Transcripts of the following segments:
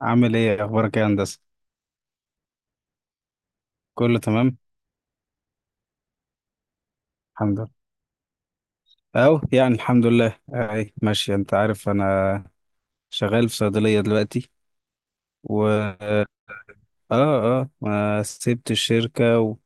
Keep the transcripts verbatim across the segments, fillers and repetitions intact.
عامل ايه؟ اخبارك ايه يا هندسه؟ كله تمام. الحمد لله، اهو يعني الحمد لله اهي ماشي، انت عارف انا شغال في صيدليه دلوقتي. و اه اه ما سبت الشركه و-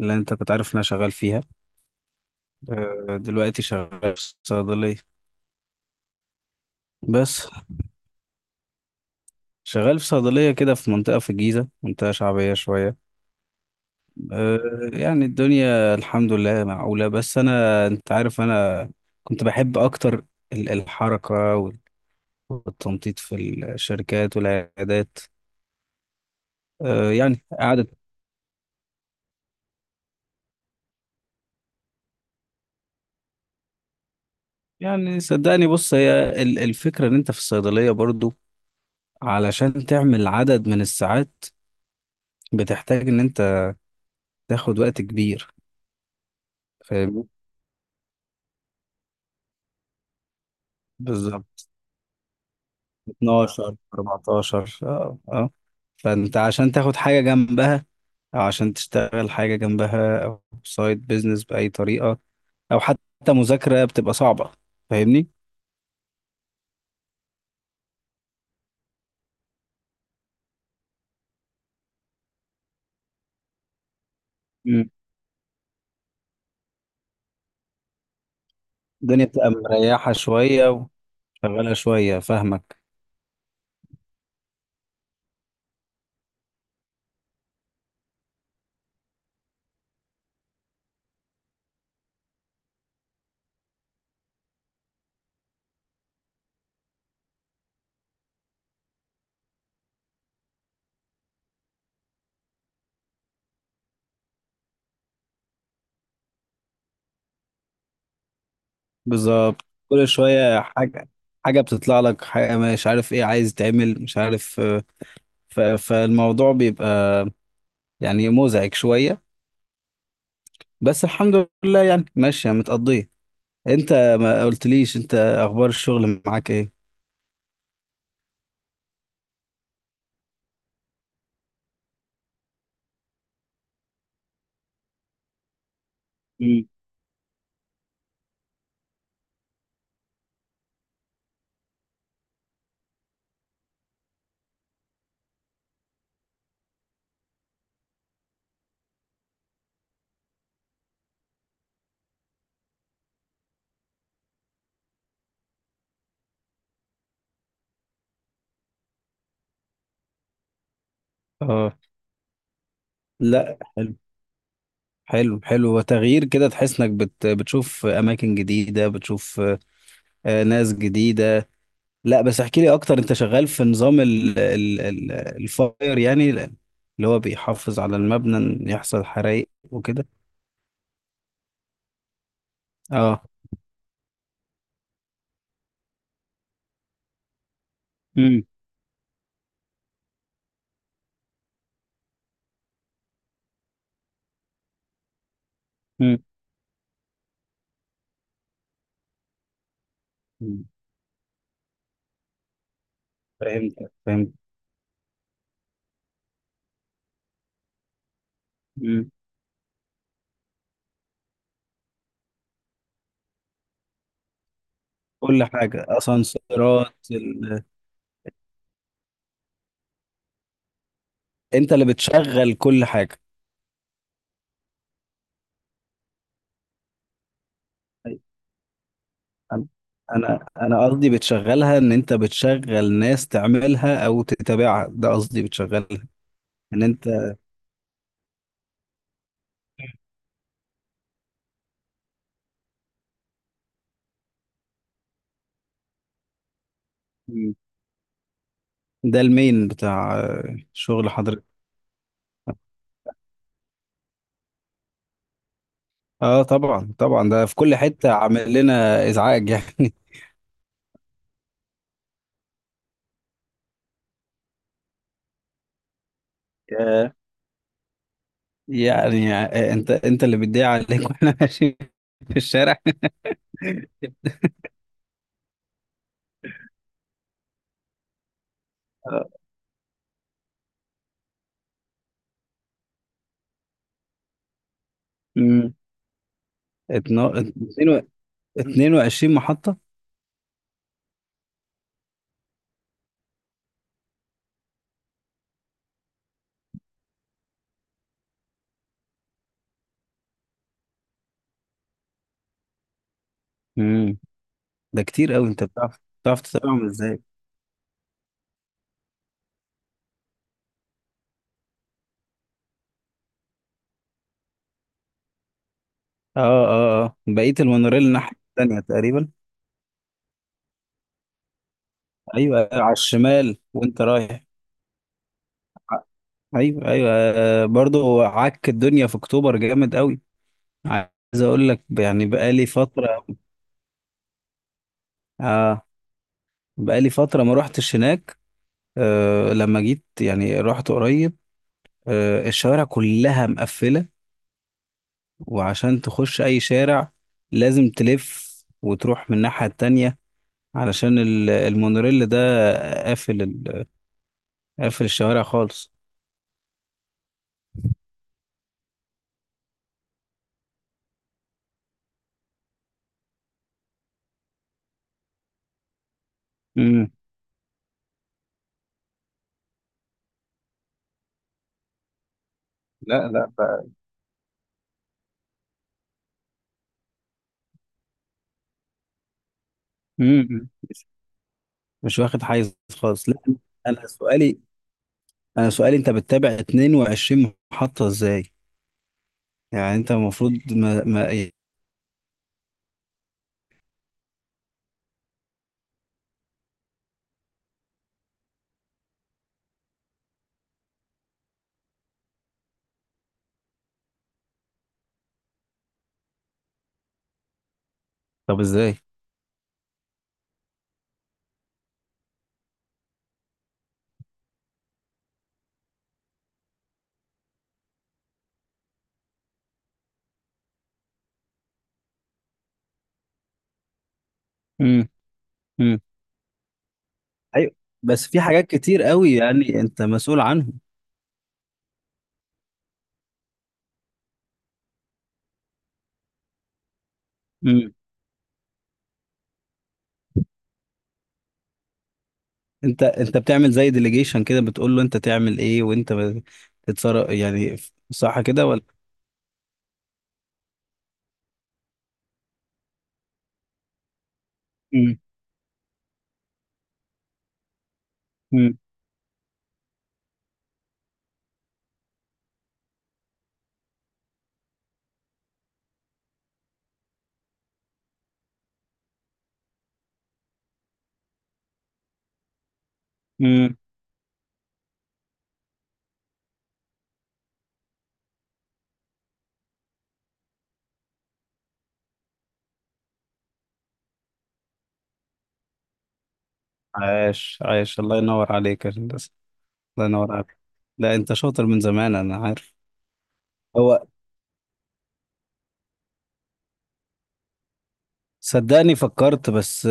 اللي انت كنت عارف إن انا شغال فيها. آه، دلوقتي شغال في صيدليه بس. شغال في صيدليه كده، في منطقه في الجيزه، منطقه شعبيه شويه. آه، يعني الدنيا الحمد لله معقوله، بس انا انت عارف انا كنت بحب اكتر ال- الحركه والتنطيط في الشركات والعيادات. آه، يعني قعدت. يعني صدقني بص، هي ال- الفكرة ان انت في الصيدلية برضو علشان تعمل عدد من الساعات بتحتاج ان انت تاخد وقت كبير، فاهمني؟ بالظبط، اتناشر اربعتاشر. اه اه فانت عشان تاخد حاجة جنبها او عشان تشتغل حاجة جنبها او سايد بيزنس بأي طريقة، او حتى مذاكرة بتبقى صعبة، فاهمني؟ مم. الدنيا بتبقى مريحة شوية، شغالة شوية، فاهمك. بالظبط، كل شوية حاجة حاجة بتطلع لك حاجة، مش عارف ايه عايز تعمل، مش عارف. آه، ف... فالموضوع بيبقى يعني مزعج شوية، بس الحمد لله يعني ماشية متقضية. انت ما قلتليش، انت اخبار الشغل معاك ايه؟ مم. اه، لا، حلو. حلو حلو وتغيير كده، تحس انك بت... بتشوف اماكن جديدة، بتشوف آه، ناس جديدة. لا بس احكي لي اكتر، انت شغال في نظام ال ال ال الفاير يعني اللي هو بيحافظ على المبنى إن يحصل حرائق وكده؟ اه. امم. امم. مم. فهمت فهمت. امم. كل حاجة، اسانسيرات ال... انت اللي بتشغل كل حاجة؟ أيوة. انا انا أنا قصدي بتشغلها ان انت بتشغل ناس تعملها او تتابعها، ده قصدي بتشغلها ان انت. أمم. ده المين بتاع آه، شغل حضرتك؟ اه طبعا طبعا، ده في كل حتة عامل لنا ازعاج يعني. ياه. يعني آه، انت انت اللي بتضيع عليك واحنا ماشيين في الشارع. آه. مم. اتنا- اتنين و- اتنين وعشرين محطة. امم، ده كتير قوي، انت بتعرف بتعرف تتابعهم ازاي؟ اه اه اه، بقية المونوريل الناحية التانية تقريبا. ايوه، على الشمال وانت رايح. ايوه ايوه، آه، برضه هو عك الدنيا في اكتوبر جامد قوي. عايز اقول لك يعني بقالي فترة اه بقالي فترة ما روحتش هناك. أه لما جيت يعني رحت قريب. أه الشوارع كلها مقفلة، وعشان تخش أي شارع لازم تلف وتروح من الناحية التانية علشان ال- المونوريل ده قافل ال- قافل الشوارع خالص. مم. لا لا بقى. مم. مم. مش مش واخد حيز خالص لا. أنا سؤالي أنا سؤالي أنت بتتابع اتنين وعشرين محطة إزاي؟ يعني أنت المفروض ما... ما... إيه؟ طب إزاي؟ مم. مم. ايوه، بس في حاجات كتير قوي يعني انت مسؤول عنهم. امم. انت انت بتعمل زي ديليجيشن كده، بتقول له انت تعمل ايه وانت بتتصرف يعني، صح كده ولا؟ امم. امم. امم. عاش عاش، الله ينور عليك يا هندسة، الله ينور عليك. لا انت شاطر من زمان انا عارف. هو، صدقني فكرت، بس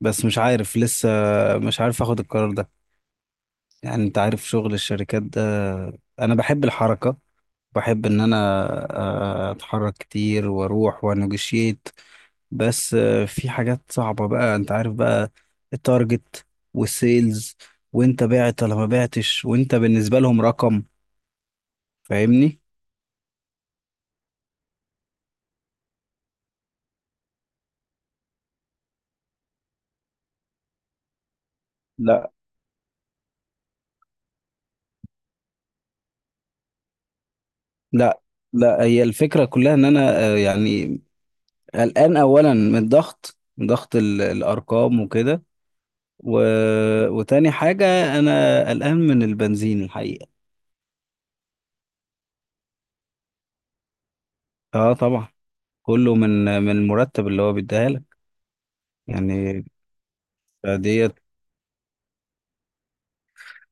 بس مش عارف لسه، مش عارف اخد القرار ده. يعني انت عارف شغل الشركات ده، انا بحب الحركة، بحب ان انا آه، اتحرك كتير واروح وانجشيت. بس آه، في حاجات صعبة بقى، انت عارف بقى، التارجت والسيلز، وانت بعت ولا ما بعتش، وانت بالنسبة لهم رقم، فاهمني؟ لا لا لا، هي الفكرة كلها ان انا آه، يعني قلقان اولا من الضغط، من ضغط ال- الارقام وكده. و... وتاني حاجة، انا قلقان من البنزين الحقيقة. اه طبعا، كله من من المرتب اللي هو بيديها لك يعني ديت.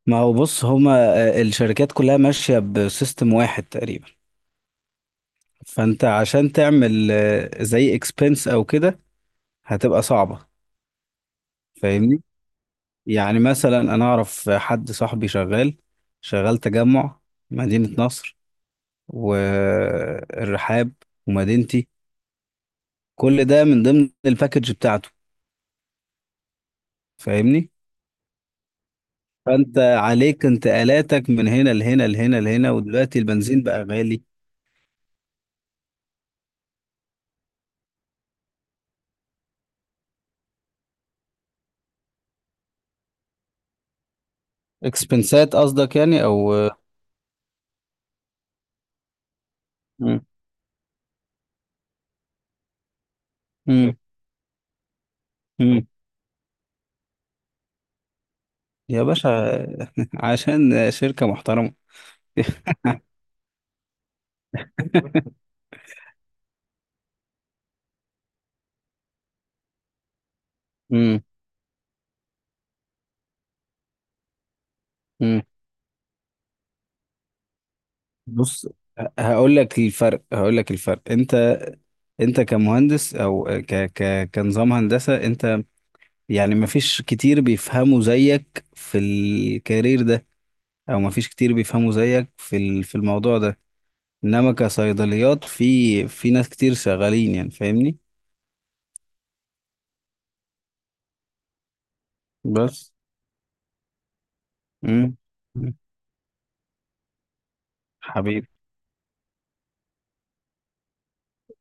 ما هو بص هما آه، الشركات كلها ماشية بسيستم واحد تقريبا، فانت عشان تعمل آه، زي اكسبنس او كده، هتبقى صعبة، فاهمني؟ يعني مثلا انا اعرف حد صاحبي شغال، شغال تجمع، مدينة نصر، والرحاب، ومدينتي، كل ده من ضمن الباكج بتاعته، فاهمني؟ فانت عليك انتقالاتك من هنا لهنا لهنا لهنا، ودلوقتي البنزين بقى غالي. اكسبنسات قصدك يعني او. مم. مم. مم. يا باشا عشان شركة محترمة. مم. مم. بص، هقول لك الفرق هقول لك الفرق، انت انت كمهندس او ك ك كنظام هندسة انت، يعني ما فيش كتير بيفهموا زيك في الكارير ده، او ما فيش كتير بيفهموا زيك في ال- في الموضوع ده، انما كصيدليات في في ناس كتير شغالين يعني، فاهمني؟ بس. مم. مم. حبيبي،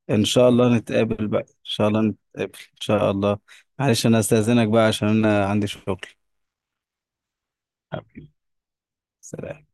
ان شاء الله نتقابل بقى، ان شاء الله نتقابل ان شاء الله. معلش انا استاذنك بقى عشان انا عندي شغل. حبيبي، سلام.